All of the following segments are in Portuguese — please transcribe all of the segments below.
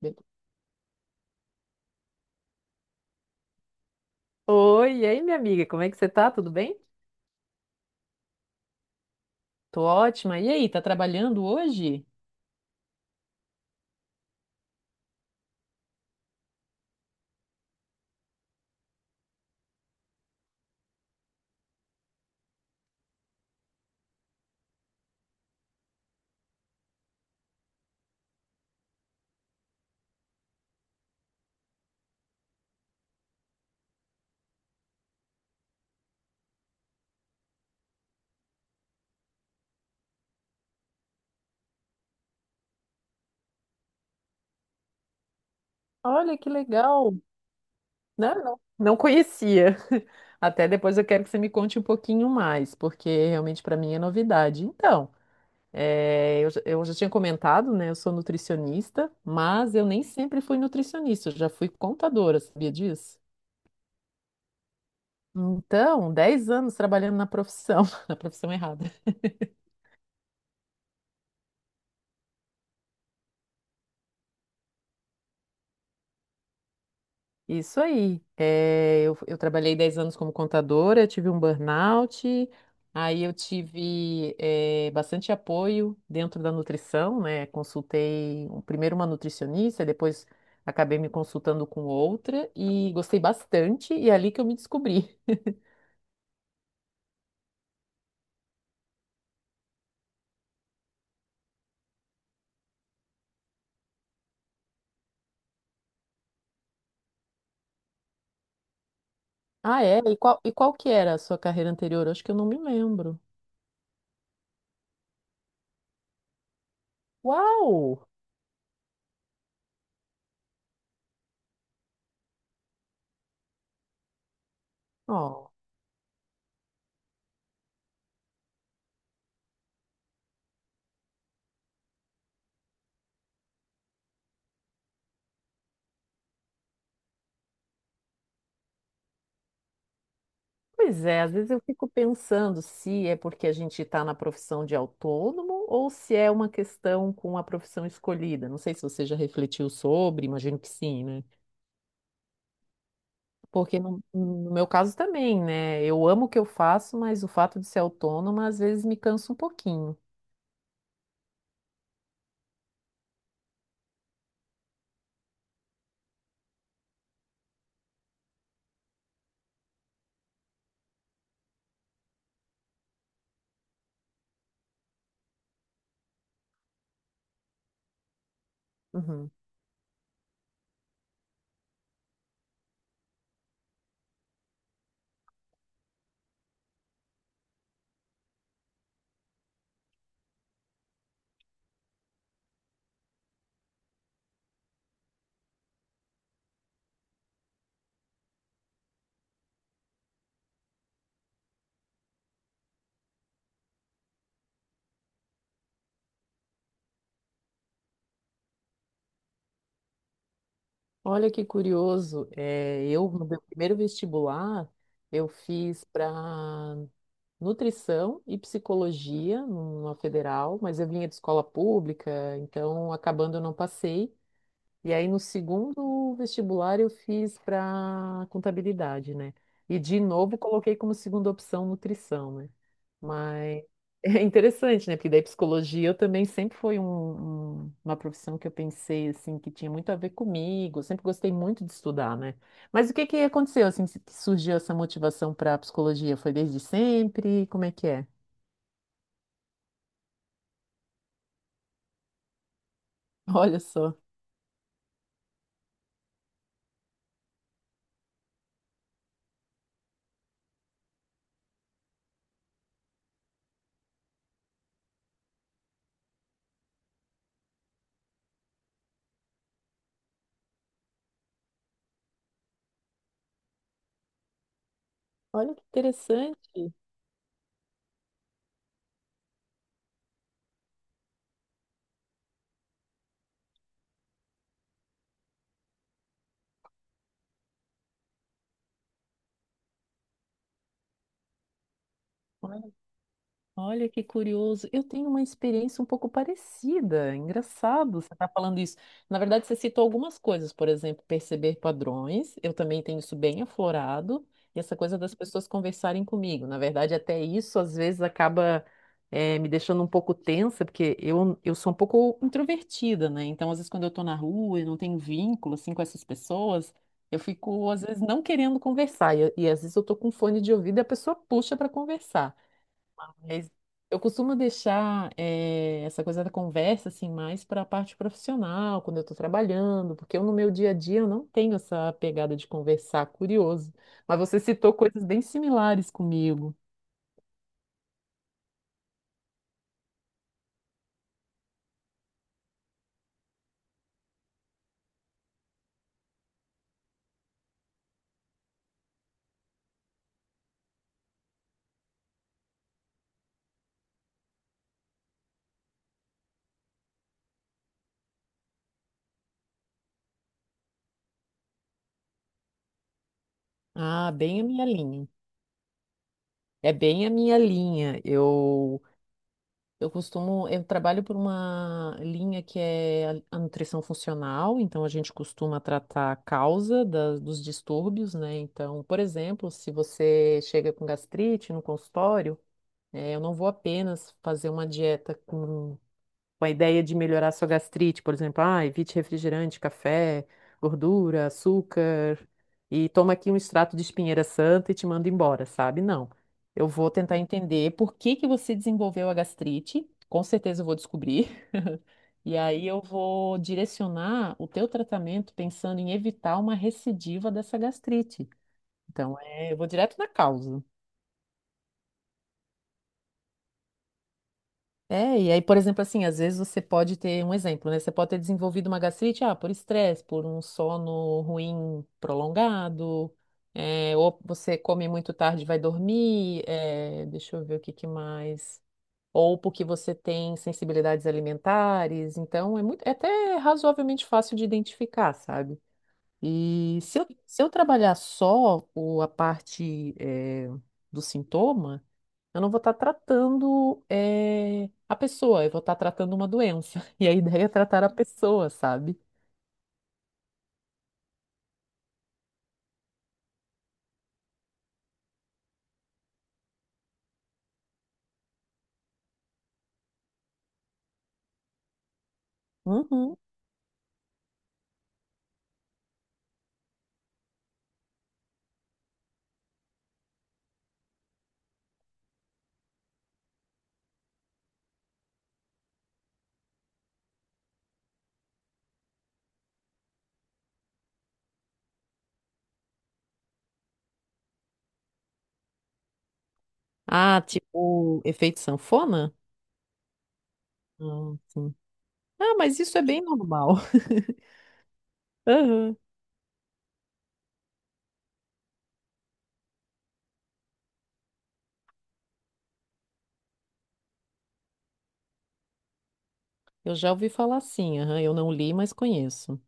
Be- Oi, e aí, minha amiga, como é que você tá? Tudo bem? Tô ótima. E aí, tá trabalhando hoje? Olha que legal, né? Não, não conhecia. Até depois eu quero que você me conte um pouquinho mais, porque realmente para mim é novidade. Então, eu já tinha comentado, né? Eu sou nutricionista, mas eu nem sempre fui nutricionista, eu já fui contadora, sabia disso? Então, 10 anos trabalhando na profissão, na profissão errada. Isso aí. É, eu trabalhei 10 anos como contadora, eu tive um burnout, aí eu tive bastante apoio dentro da nutrição, né? Consultei primeiro uma nutricionista, depois acabei me consultando com outra e gostei bastante, e é ali que eu me descobri. Ah, é? E qual que era a sua carreira anterior? Acho que eu não me lembro. Uau! Ó. Pois é, às vezes eu fico pensando se é porque a gente está na profissão de autônomo ou se é uma questão com a profissão escolhida. Não sei se você já refletiu sobre, imagino que sim, né? Porque no meu caso também, né? Eu amo o que eu faço, mas o fato de ser autônoma às vezes me cansa um pouquinho. Uhum. Olha que curioso, é, eu no meu primeiro vestibular eu fiz para nutrição e psicologia numa federal, mas eu vinha de escola pública, então acabando eu não passei. E aí no segundo vestibular eu fiz para contabilidade, né? E de novo coloquei como segunda opção nutrição, né? Mas é interessante, né? Porque daí psicologia eu também sempre foi uma profissão que eu pensei assim que tinha muito a ver comigo. Eu sempre gostei muito de estudar, né? Mas o que que aconteceu assim que surgiu essa motivação para a psicologia? Foi desde sempre? Como é que é? Olha só, olha que interessante. Olha que curioso. Eu tenho uma experiência um pouco parecida. Engraçado você estar falando isso. Na verdade, você citou algumas coisas, por exemplo, perceber padrões. Eu também tenho isso bem aflorado. E essa coisa das pessoas conversarem comigo. Na verdade, até isso às vezes acaba me deixando um pouco tensa, porque eu sou um pouco introvertida, né? Então, às vezes, quando eu estou na rua e não tenho vínculo assim, com essas pessoas, eu fico, às vezes, não querendo conversar. E às vezes eu estou com fone de ouvido e a pessoa puxa para conversar. Mas eu costumo deixar essa coisa da conversa assim mais para a parte profissional, quando eu estou trabalhando, porque eu no meu dia a dia eu não tenho essa pegada de conversar, curioso. Mas você citou coisas bem similares comigo. Ah, bem a minha linha. É bem a minha linha. Eu costumo, eu trabalho por uma linha que é a nutrição funcional, então a gente costuma tratar a causa dos distúrbios, né? Então, por exemplo, se você chega com gastrite no consultório, eu não vou apenas fazer uma dieta com a ideia de melhorar sua gastrite, por exemplo, ah, evite refrigerante, café, gordura, açúcar, e toma aqui um extrato de espinheira santa e te manda embora, sabe? Não. Eu vou tentar entender por que que você desenvolveu a gastrite. Com certeza eu vou descobrir. E aí eu vou direcionar o teu tratamento pensando em evitar uma recidiva dessa gastrite. Então, é, eu vou direto na causa. É, e aí, por exemplo, assim, às vezes você pode ter um exemplo, né? Você pode ter desenvolvido uma gastrite, ah, por estresse, por um sono ruim prolongado, é, ou você come muito tarde e vai dormir, é, deixa eu ver o que que mais. Ou porque você tem sensibilidades alimentares, então é muito, é até razoavelmente fácil de identificar, sabe? E se eu, se eu trabalhar só a parte, é, do sintoma eu não vou estar tratando a pessoa, eu vou estar tratando uma doença. E a ideia é tratar a pessoa, sabe? Uhum. Ah, tipo, efeito sanfona? Ah, sim. Ah, mas isso é bem normal. Aham. Eu já ouvi falar assim, aham. Eu não li, mas conheço.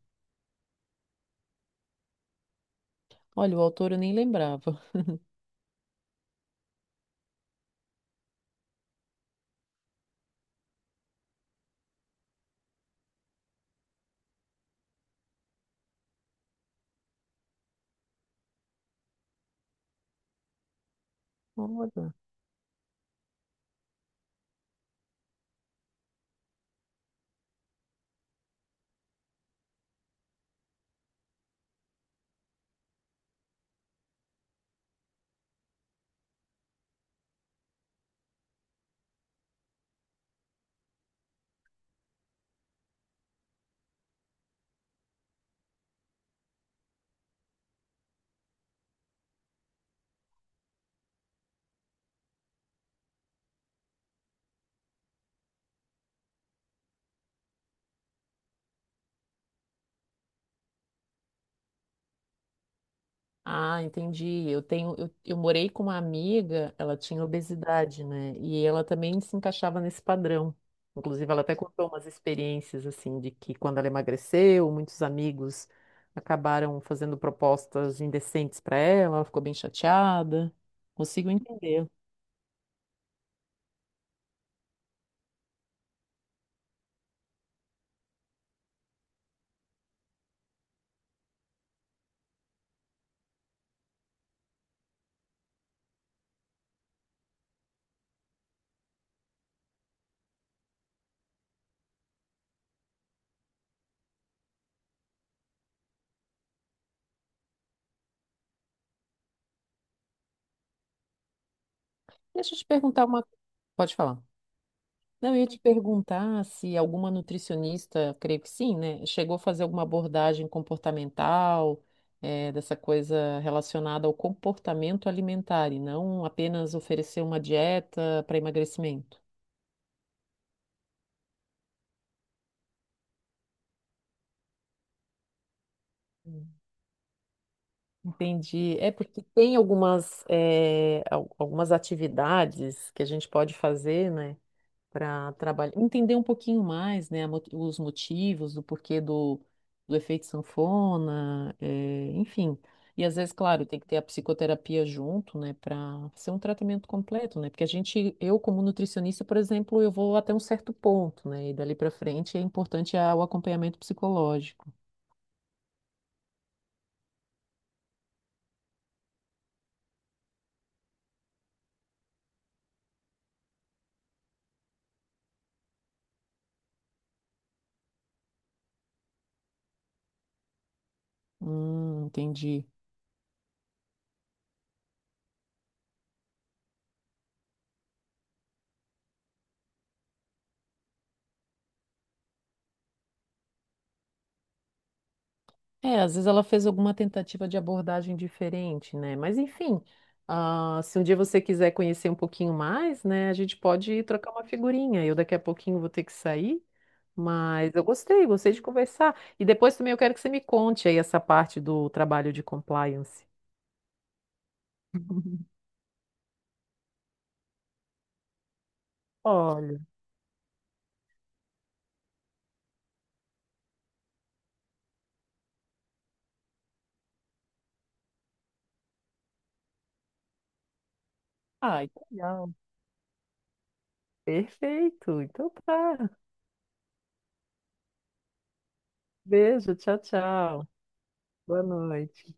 Olha, o autor eu nem lembrava. Olha. Ah, entendi. Eu tenho, eu morei com uma amiga, ela tinha obesidade, né? E ela também se encaixava nesse padrão. Inclusive, ela até contou umas experiências assim de que quando ela emagreceu, muitos amigos acabaram fazendo propostas indecentes para ela, ela ficou bem chateada. Consigo entender. Deixa eu te perguntar uma. Pode falar. Não, eu ia te perguntar se alguma nutricionista, creio que sim, né? Chegou a fazer alguma abordagem comportamental, dessa coisa relacionada ao comportamento alimentar e não apenas oferecer uma dieta para emagrecimento. Hum. Entendi. É porque tem algumas, algumas atividades que a gente pode fazer, né? Para trabalhar, entender um pouquinho mais, né, a os motivos, do porquê do, do efeito sanfona, é, enfim. E às vezes, claro, tem que ter a psicoterapia junto, né, para ser um tratamento completo, né? Porque a gente, eu como nutricionista, por exemplo, eu vou até um certo ponto, né? E dali para frente é importante o acompanhamento psicológico. Entendi. É, às vezes ela fez alguma tentativa de abordagem diferente, né? Mas enfim, ah, se um dia você quiser conhecer um pouquinho mais, né, a gente pode trocar uma figurinha. Eu daqui a pouquinho vou ter que sair, mas eu gostei, gostei de conversar. E depois também eu quero que você me conte aí essa parte do trabalho de compliance. Olha, ai, que legal. Perfeito, então tá. Beijo, tchau, tchau. Boa noite.